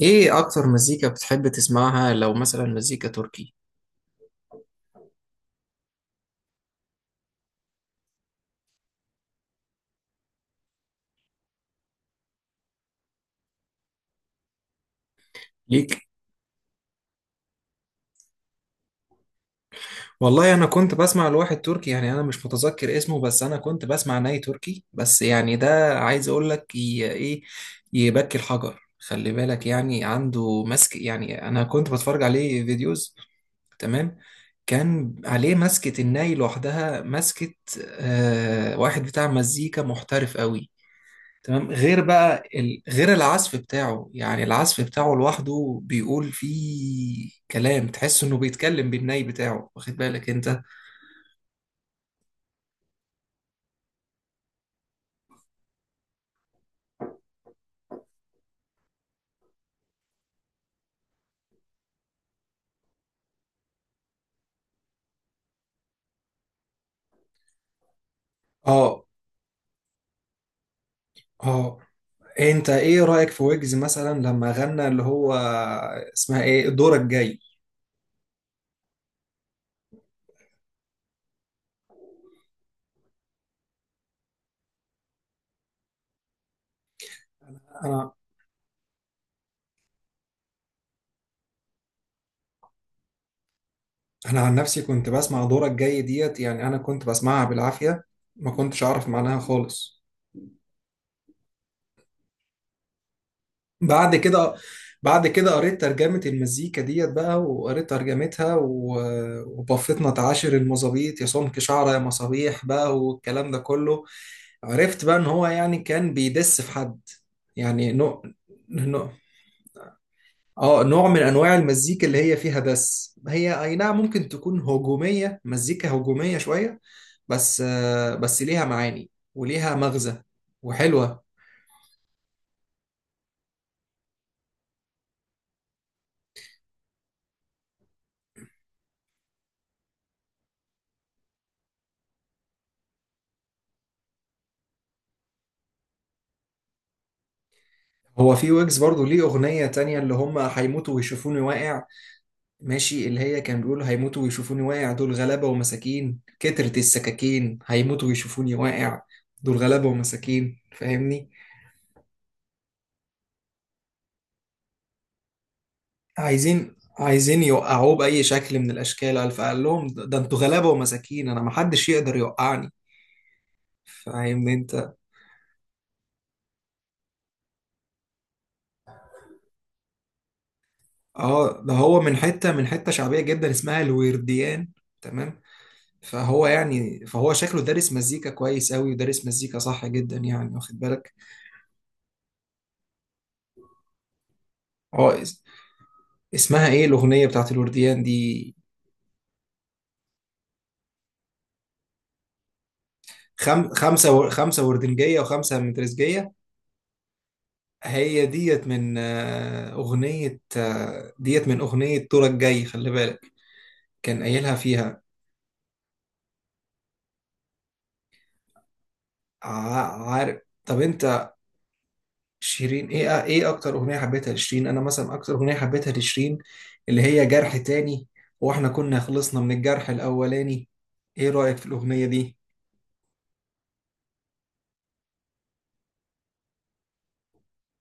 ايه اكتر مزيكا بتحب تسمعها لو مثلا مزيكا تركي ليك؟ والله انا كنت بسمع لواحد تركي، يعني انا مش متذكر اسمه، بس انا كنت بسمع ناي تركي بس، يعني ده عايز اقول لك ايه، يبكي الحجر. خلي بالك، يعني عنده مسك. يعني انا كنت بتفرج عليه فيديوز. تمام. كان عليه مسكة الناي لوحدها، مسكة. آه، واحد بتاع مزيكا محترف قوي. تمام. غير بقى ال... غير العزف بتاعه، يعني العزف بتاعه لوحده بيقول فيه كلام تحس انه بيتكلم بالناي بتاعه، واخد بالك انت؟ اه، اه، انت ايه رأيك في ويجز مثلا لما غنى اللي هو اسمها ايه؟ دورك جاي. انا انا عن نفسي كنت بسمع دورك جاي ديت، يعني انا كنت بسمعها بالعافية. ما كنتش اعرف معناها خالص. بعد كده، قريت ترجمة المزيكا ديت بقى وقريت ترجمتها و- وبفتنا تعاشر المظابيط يا سمك شعرة يا مصابيح بقى، والكلام ده كله. عرفت بقى ان هو يعني كان بيدس في حد، يعني نوع اه نوع من انواع المزيكا اللي هي فيها دس، هي اي نعم ممكن تكون هجومية، مزيكا هجومية شوية. بس ليها معاني، وليها مغزى، وحلوة. هو في ويجز برضو ليه أغنية تانية اللي هم هيموتوا ويشوفوني واقع. ماشي، اللي هي كان بيقولوا: هيموتوا ويشوفوني واقع، دول غلابة ومساكين، كترت السكاكين، هيموتوا ويشوفوني واقع، دول غلابة ومساكين. فاهمني؟ عايزين يوقعوه بأي شكل من الأشكال، فقال لهم: ده انتوا غلابة ومساكين، أنا محدش يقدر يوقعني. فاهمني أنت؟ اه، ده هو من حتة شعبية جدا اسمها الورديان. تمام. فهو شكله دارس مزيكا كويس أوي، ودارس مزيكا صح جدا يعني، واخد بالك؟ اه، اسمها ايه الاغنيه بتاعت الورديان دي؟ 5 وردنجية وخمسة مترزجية. هي ديت من آه، أغنية آه، ديت من أغنية دورك جاي، خلي بالك، كان قايلها فيها. عارف. طب أنت، شيرين إيه، أكتر أغنية حبيتها لشيرين؟ أنا مثلا أكتر أغنية حبيتها لشيرين اللي هي جرح تاني، وإحنا كنا خلصنا من الجرح الأولاني. إيه رأيك في الأغنية دي؟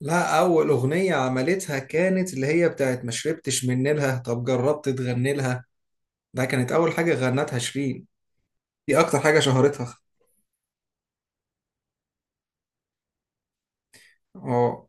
لا، أول أغنية عملتها كانت اللي هي بتاعت ما شربتش من نيلها طب جربت تغني لها. ده كانت أول حاجة غنتها شيرين، دي اكتر حاجه شهرتها. اه،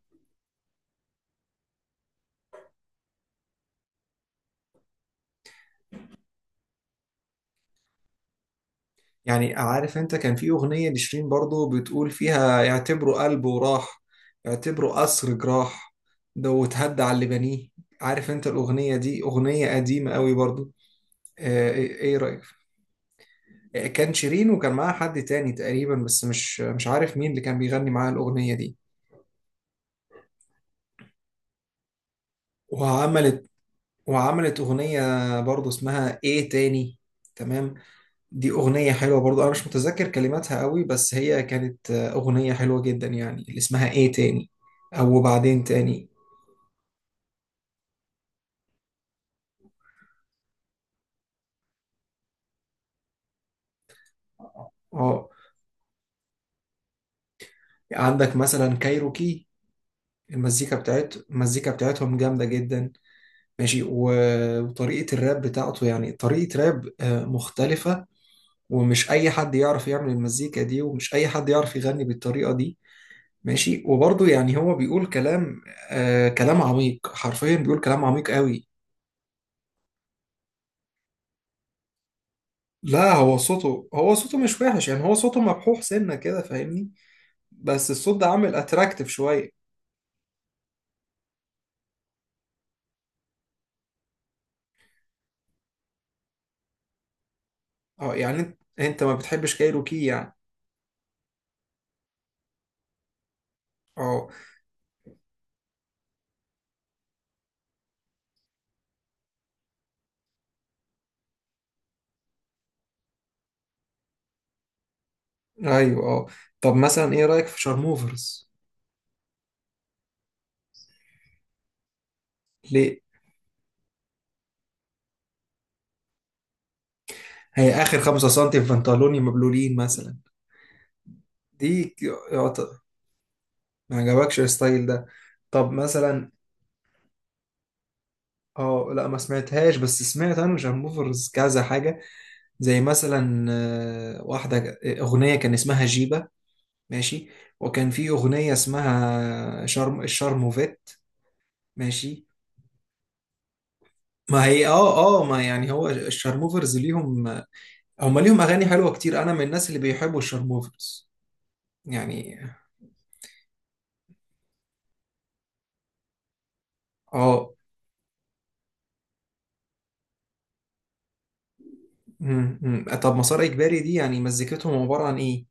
يعني عارف انت، كان في اغنيه لشيرين برضو بتقول فيها: يعتبروا قلبه راح، يعتبروا قصر جراح، ده وتهدى على اللي بنيه. عارف انت الاغنيه دي؟ اغنيه قديمه قوي برضو. ايه، رايك؟ كان شيرين وكان معاها حد تاني تقريبا، بس مش عارف مين اللي كان بيغني معاها الاغنيه دي. وعملت وعملت اغنيه برضو اسمها ايه تاني. تمام. دي أغنية حلوة برضو. أنا مش متذكر كلماتها قوي، بس هي كانت أغنية حلوة جدا يعني، اللي اسمها إيه تاني، أو وبعدين تاني. اه، عندك مثلا كايروكي، المزيكا بتاعتهم جامدة جدا. ماشي، و- وطريقة الراب بتاعته يعني، طريقة راب مختلفة. ومش أي حد يعرف يعمل المزيكا دي، ومش أي حد يعرف يغني بالطريقة دي. ماشي، وبرضه يعني هو بيقول كلام، كلام عميق، حرفيا بيقول كلام عميق قوي. لا، هو صوته مش وحش يعني، هو صوته مبحوح سنة كده، فاهمني؟ بس الصوت ده عامل اتراكتيف شوية. اه، يعني انت ما بتحبش كايروكي يعني؟ اه. ايوه. اه. طب مثلا ايه رأيك في شارموفرز؟ ليه؟ هي اخر 5 سنتي في بنطلوني مبلولين مثلا. دي ك- يعت- ما عجبكش الستايل ده؟ طب مثلا، اه لا، ما سمعتهاش، بس سمعت انا شارموفرز كذا حاجة، زي مثلا واحدة، اغنية كان اسمها جيبة. ماشي. وكان في أغنية اسمها شرم الشرموفيت. ماشي. ما هي، ما يعني هو الشارموفرز ليهم، هم ليهم اغاني حلوه كتير، انا من الناس اللي بيحبوا الشارموفرز يعني. اه. مم، مم. طب مسار اجباري دي يعني مزيكتهم عباره عن ايه؟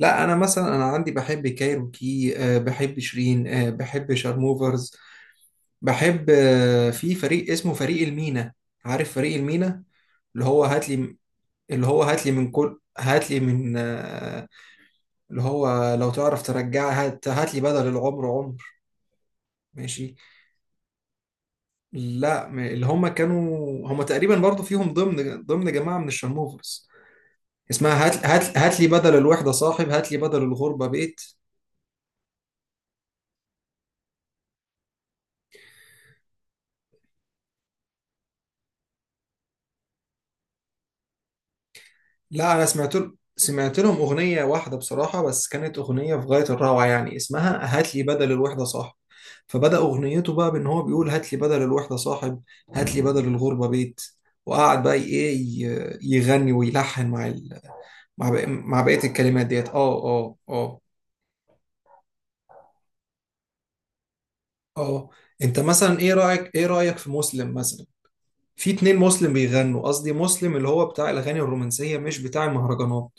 لا، انا مثلا عندي بحب كايروكي، بحب شيرين، بحب شارموفرز، بحب، في فريق اسمه فريق المينا. عارف فريق المينا؟ اللي هو هات لي، اللي هو هات لي من كل، هات لي من آه، اللي هو لو تعرف ترجعها، هات لي بدل العمر عمر. ماشي. لا، اللي هم كانوا، هم تقريبا برضو فيهم، ضمن جماعة من الشرموفرز. اسمها هات لي بدل الوحدة صاحب، هات لي بدل الغربة بيت. لا، انا سمعت سمعت لهم اغنيه واحده بصراحه، بس كانت اغنيه في غايه الروعه يعني، اسمها هات لي بدل الوحده صاحب. فبدا اغنيته بقى بان هو بيقول: هات لي بدل الوحده صاحب، هات لي بدل الغربه بيت. وقعد بقى ايه، يغني ويلحن مع بقيه الكلمات ديت. اه اه، انت مثلا ايه رايك في مسلم مثلا؟ في 2 مسلم بيغنوا، قصدي مسلم اللي هو بتاع الاغاني الرومانسيه، مش بتاع المهرجانات.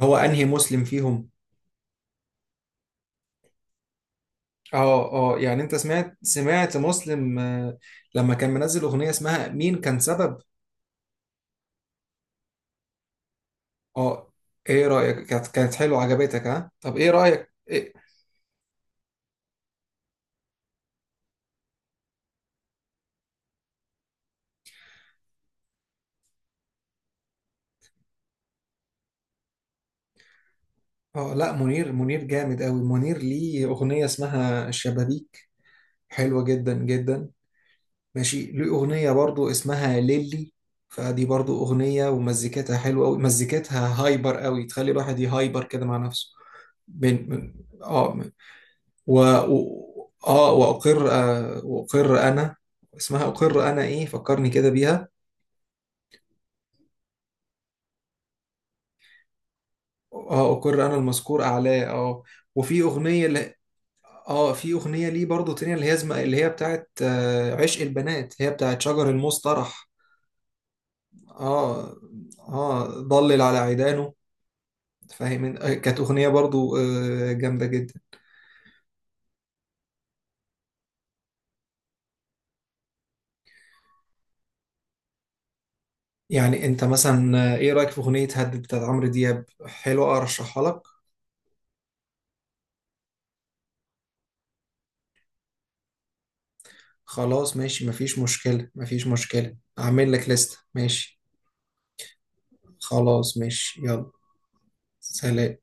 هو انهي مسلم فيهم؟ اه، اه، يعني انت سمعت مسلم لما كان منزل اغنية اسمها مين كان سبب. اه، ايه رأيك؟ كانت حلوة عجبتك، ها؟ طب ايه رأيك إيه؟ اه لا، منير جامد قوي، منير ليه اغنية اسمها الشبابيك، حلوة جدا جدا. ماشي، ليه اغنية برضو اسمها ليلي، فدي برضو اغنية ومزيكتها حلوة قوي، مزيكتها هايبر قوي، تخلي الواحد يهايبر كده مع نفسه. بين من- اه و... و... اه، واقر انا. اسمها اقر انا ايه فكرني كده بيها. اه، اقر انا المذكور اعلاه. اه. وفي اغنيه اه، في اغنيه ليه برضو تانية اللي هي بتاعت عشق البنات، هي بتاعت شجر المصطرح. اه، اه، ضلل على عيدانه، فاهم؟ كانت اغنيه برضو جامده جدا. يعني انت مثلا، ايه رايك في اغنيه هدد بتاعت عمرو دياب؟ حلوه، ارشحها لك. خلاص ماشي، مفيش مشكلة، مفيش مشكلة، أعمل لك لستة، ماشي. خلاص ماشي، يلا. سلام.